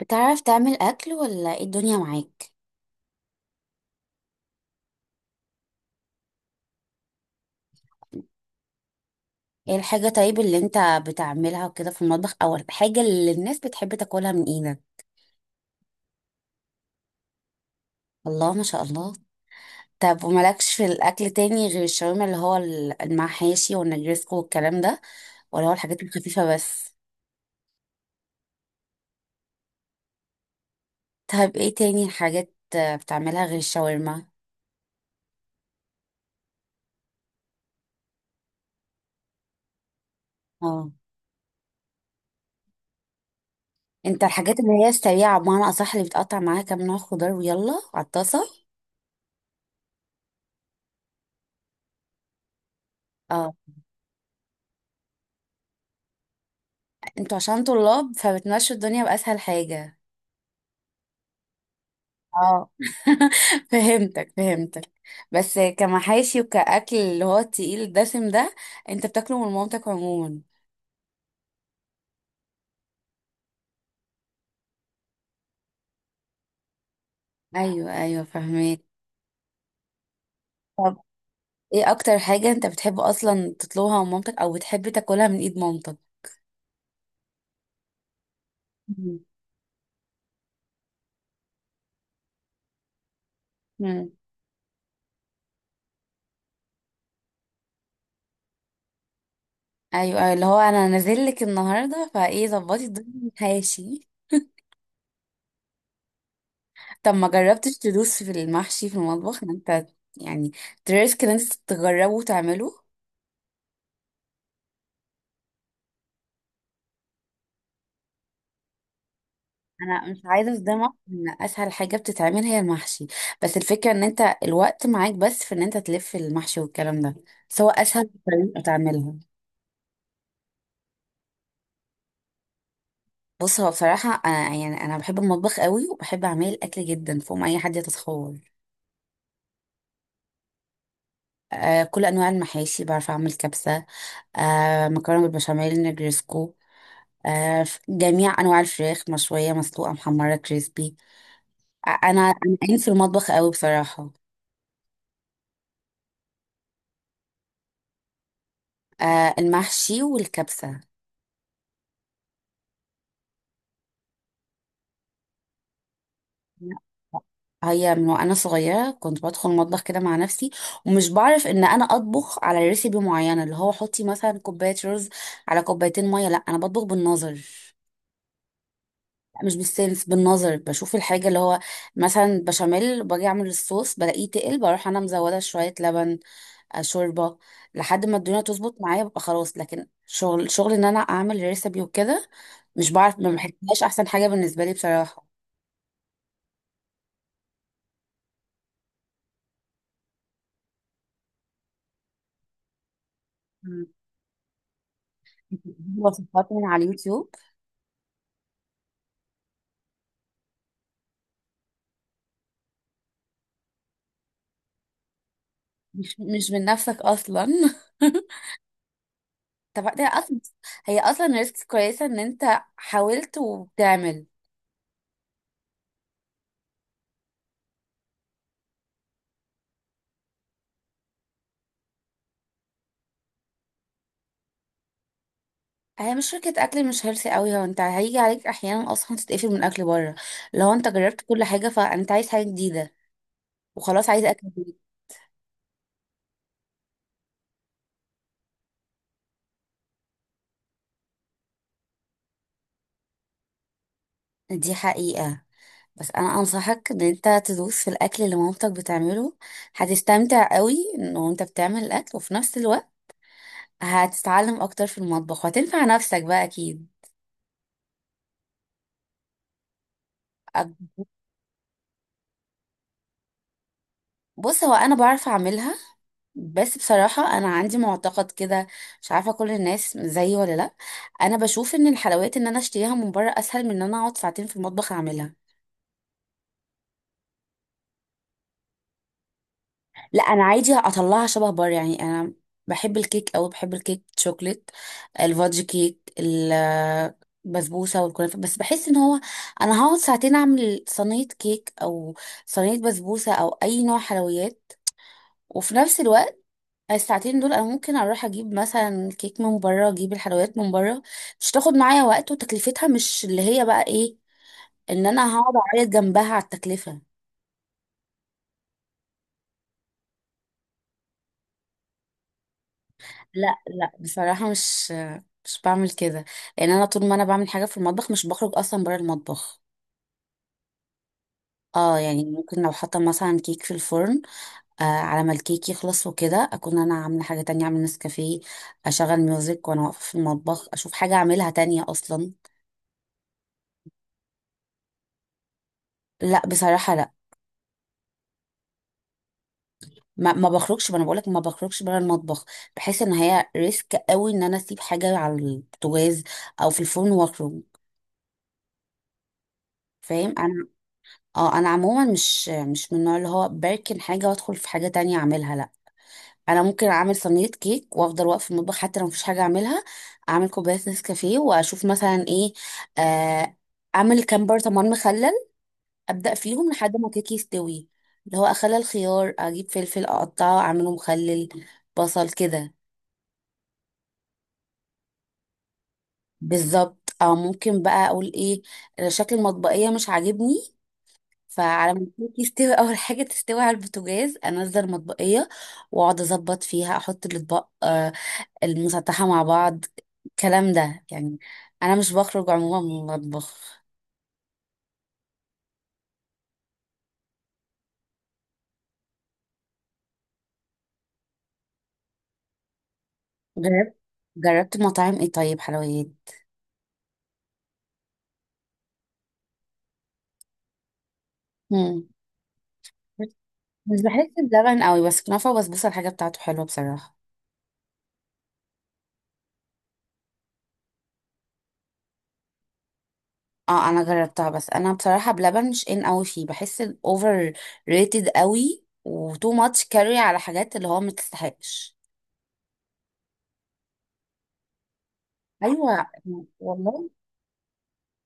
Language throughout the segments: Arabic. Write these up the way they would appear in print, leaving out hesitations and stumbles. بتعرف تعمل أكل ولا ايه الدنيا معاك؟ ايه الحاجة طيب اللي انت بتعملها وكده في المطبخ أو الحاجة اللي الناس بتحب تاكلها من ايدك؟ الله ما شاء الله. طب ومالكش في الأكل تاني غير الشاورما اللي هو المحاشي والنجرسكو والكلام ده، ولا هو الحاجات الخفيفة بس؟ طيب ايه تاني حاجات بتعملها غير الشاورما؟ اه، انت الحاجات اللي هي السريعة بمعنى أصح اللي بتقطع معاها كام نوع خضار ويلا على الطاسة. اه، انتوا عشان طلاب فبتمشوا الدنيا بأسهل حاجة. اه. فهمتك فهمتك. بس كمحاشي وكأكل اللي هو التقيل الدسم ده، انت بتاكله من مامتك عموما. ايوه ايوه، فهمت. طب ايه اكتر حاجة انت بتحب اصلا تطلبها من مامتك او بتحب تاكلها من ايد مامتك؟ مم. مم. ايوه أيوة، اللي هو انا نازل لك النهارده فايه ظبطي الدنيا من حاشي. طب ما جربتش تدوس في المحشي في المطبخ ان انت يعني تريسك ان انت تجربه وتعمله؟ انا مش عايزه اصدمك ان اسهل حاجه بتتعمل هي المحشي، بس الفكره ان انت الوقت معاك بس في ان انت تلف المحشي والكلام ده، سواء اسهل طريقه تعملها. بص هو بصراحه أنا يعني انا بحب المطبخ قوي وبحب اعمل الاكل جدا فوق ما اي حد يتخيل. كل انواع المحاشي، بعرف اعمل كبسه، مكرونه بالبشاميل، نجرسكو، جميع انواع الفراخ مشويه مسلوقه محمره كريسبي. انا قايم في المطبخ قوي بصراحه. المحشي والكبسه. لا. هي من وانا صغيره كنت بدخل المطبخ كده مع نفسي، ومش بعرف ان انا اطبخ على ريسيبي معينه اللي هو حطي مثلا كوبايه رز على كوبايتين ميه. لا انا بطبخ بالنظر. لا مش بالسنس، بالنظر. بشوف الحاجه اللي هو مثلا بشاميل باجي اعمل الصوص بلاقيه تقل، بروح انا مزوده شويه لبن، شوربه، لحد ما الدنيا تظبط معايا ببقى خلاص. لكن شغل شغل ان انا اعمل ريسيبي وكده، مش بعرف، ما بحسهاش احسن حاجه بالنسبه لي بصراحه. مم. وصفات من على اليوتيوب. مش من نفسك اصلا. طب ده اصلا هي اصلا ريسك كويسه ان انت حاولت وبتعمل. هي مش شركة أكل مش هيلثي قوي، هو انت هيجي عليك أحيانا أصلا تتقفل من أكل بره. لو انت جربت كل حاجة فانت عايز حاجة جديدة، وخلاص عايز أكل جديد. دي حقيقة. بس أنا أنصحك إن انت تدوس في الأكل اللي مامتك بتعمله. هتستمتع قوي إنه انت بتعمل الأكل وفي نفس الوقت هتتعلم أكتر في المطبخ وهتنفع نفسك بقى أكيد. بص هو انا بعرف اعملها، بس بصراحة انا عندي معتقد كده، مش عارفة كل الناس زيي ولا لا. انا بشوف ان الحلويات ان انا اشتريها من بره اسهل من ان انا اقعد ساعتين في المطبخ اعملها. لا انا عادي اطلعها شبه بره يعني. انا بحب الكيك، او بحب الكيك شوكليت، الفادج كيك، البسبوسة والكنافة، بس بحس ان هو انا هقعد ساعتين اعمل صينية كيك او صينية بسبوسة او اي نوع حلويات، وفي نفس الوقت الساعتين دول انا ممكن اروح اجيب مثلا كيك من بره، اجيب الحلويات من بره، مش تاخد معايا وقت، وتكلفتها مش اللي هي بقى ايه، ان انا هقعد اعيط جنبها على التكلفة. لا لا، بصراحة مش بعمل كده، لان انا طول ما انا بعمل حاجة في المطبخ مش بخرج اصلا بره المطبخ. اه يعني ممكن لو حاطه مثلا كيك في الفرن، على ما الكيك يخلص وكده اكون انا عامله حاجه تانية، اعمل نسكافيه، اشغل ميوزك وانا واقفه في المطبخ، اشوف حاجه اعملها تانية اصلا. لا بصراحه لا. ما بخرجش، ما انا بقولك ما بخرجش بره المطبخ. بحس ان هي ريسك قوي ان انا اسيب حاجه على البوتاجاز او في الفرن واخرج. فاهم انا. اه، انا عموما مش من النوع اللي هو بركن حاجه وادخل في حاجه تانية اعملها. لا، انا ممكن اعمل صينيه كيك وافضل واقف في المطبخ حتى لو مفيش حاجه اعملها، اعمل كوبايه نسكافيه واشوف مثلا ايه، آه اعمل كام برطمان مخلل، ابدا فيهم لحد ما كيكي يستوي، اللي هو اخلل الخيار، اجيب فلفل اقطعه اعمله مخلل، بصل كده. بالظبط، او ممكن بقى اقول ايه، شكل المطبقيه مش عاجبني، فعلى ما الكيك يستوي اول حاجه تستوي على البوتاجاز انزل المطبقيه واقعد اظبط فيها، احط الاطباق المسطحه مع بعض، الكلام ده يعني. انا مش بخرج عموما من المطبخ. جربت جربت مطاعم ايه طيب حلويات؟ مم. مش بحس بلبن قوي، بس كنافه وبسبوسه الحاجه بتاعته حلوه بصراحه. اه انا جربتها، بس انا بصراحه بلبن مش ان اوي فيه، بحس الاوفر ريتد قوي وتو ماتش كاري على حاجات اللي هو ما تستحقش. ايوه. والله،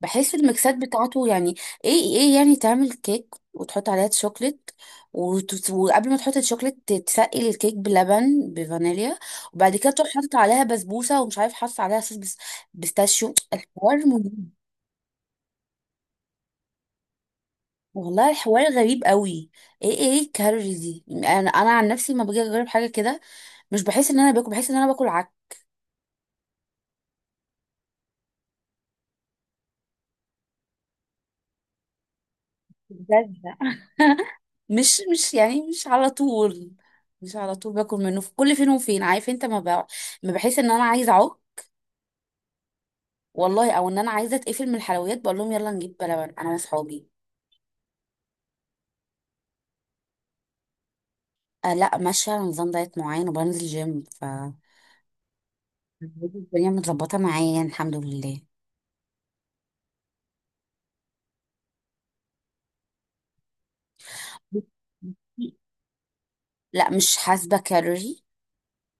بحس الميكسات بتاعته يعني ايه، ايه يعني تعمل كيك وتحط عليها شوكليت، وقبل ما تحط الشوكليت تسقي الكيك بلبن بفانيليا، وبعد كده تروح حاطط عليها بسبوسه ومش عارف حاطط عليها صوص بيستاشيو، الحوار ممل. والله الحوار غريب قوي. ايه ايه الكالوريز دي، انا عن نفسي ما باجي اجرب حاجه كده. مش بحس ان انا باكل، بحس ان انا باكل عك. بجد، مش يعني مش على طول، مش على طول باكل منه، في كل فين وفين، عارف انت ما بقى، ما بحس ان انا عايزه اعك. والله، او ان انا عايزه اتقفل من الحلويات بقول لهم يلا نجيب بلبن انا واصحابي. أه لا، ماشيه على نظام دايت معين وبنزل جيم، ف الدنيا متظبطه معايا يعني، الحمد لله. لا مش حاسبه كالوري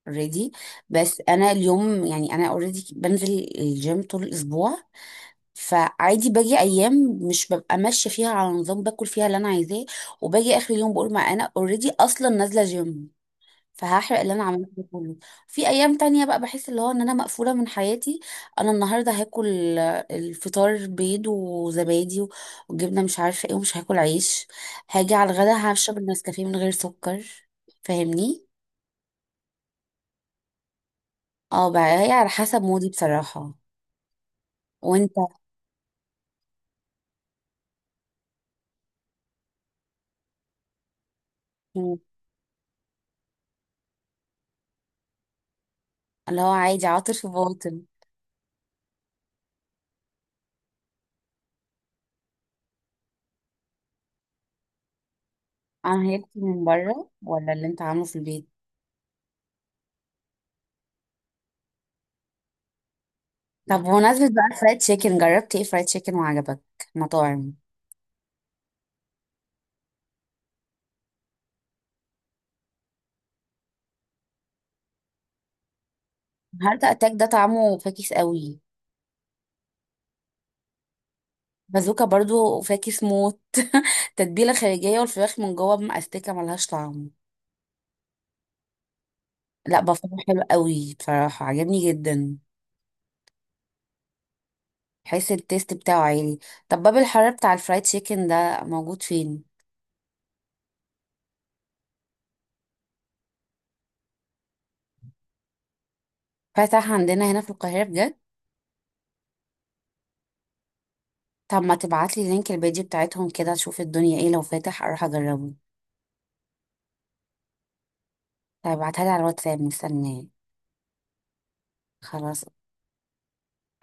اوريدي، بس انا اليوم يعني انا اوريدي بنزل الجيم طول الاسبوع، فعادي باجي ايام مش ببقى ماشيه فيها على نظام، باكل فيها اللي انا عايزاه، وباجي اخر اليوم بقول ما انا اوريدي اصلا نازله جيم فهحرق اللي انا عملته ده كله. في ايام تانية بقى بحس اللي هو ان انا مقفوله من حياتي، انا النهارده هاكل الفطار بيض وزبادي وجبنه مش عارفه ايه، ومش هاكل عيش، هاجي على الغدا هشرب النسكافيه من غير سكر، فاهمني. اه بقى هي على حسب مودي بصراحه. وانت؟ عشان اللي هو عادي عاطل في باطل. عن هيلثي من بره ولا اللي انت عامله في البيت؟ طب بمناسبة بقى الفرايد تشيكن، جربت ايه فرايد تشيكن وعجبك؟ مطاعم. هارت اتاك ده طعمه فاكس قوي. بازوكا برضو فاكس موت. تتبيلة خارجية والفراخ من جوه مأستكة ملهاش طعم. لا، بفهم حلو قوي بصراحة عجبني جدا. حس التيست بتاعه عالي. طب باب الحرارة بتاع الفرايد تشيكن ده موجود فين؟ فتح عندنا هنا في القاهرة بجد؟ طب ما تبعتلي لينك البيج بتاعتهم كده اشوف الدنيا ايه لو فاتح اروح اجربه. طب ابعتها لي على الواتساب، مستنيه. خلاص.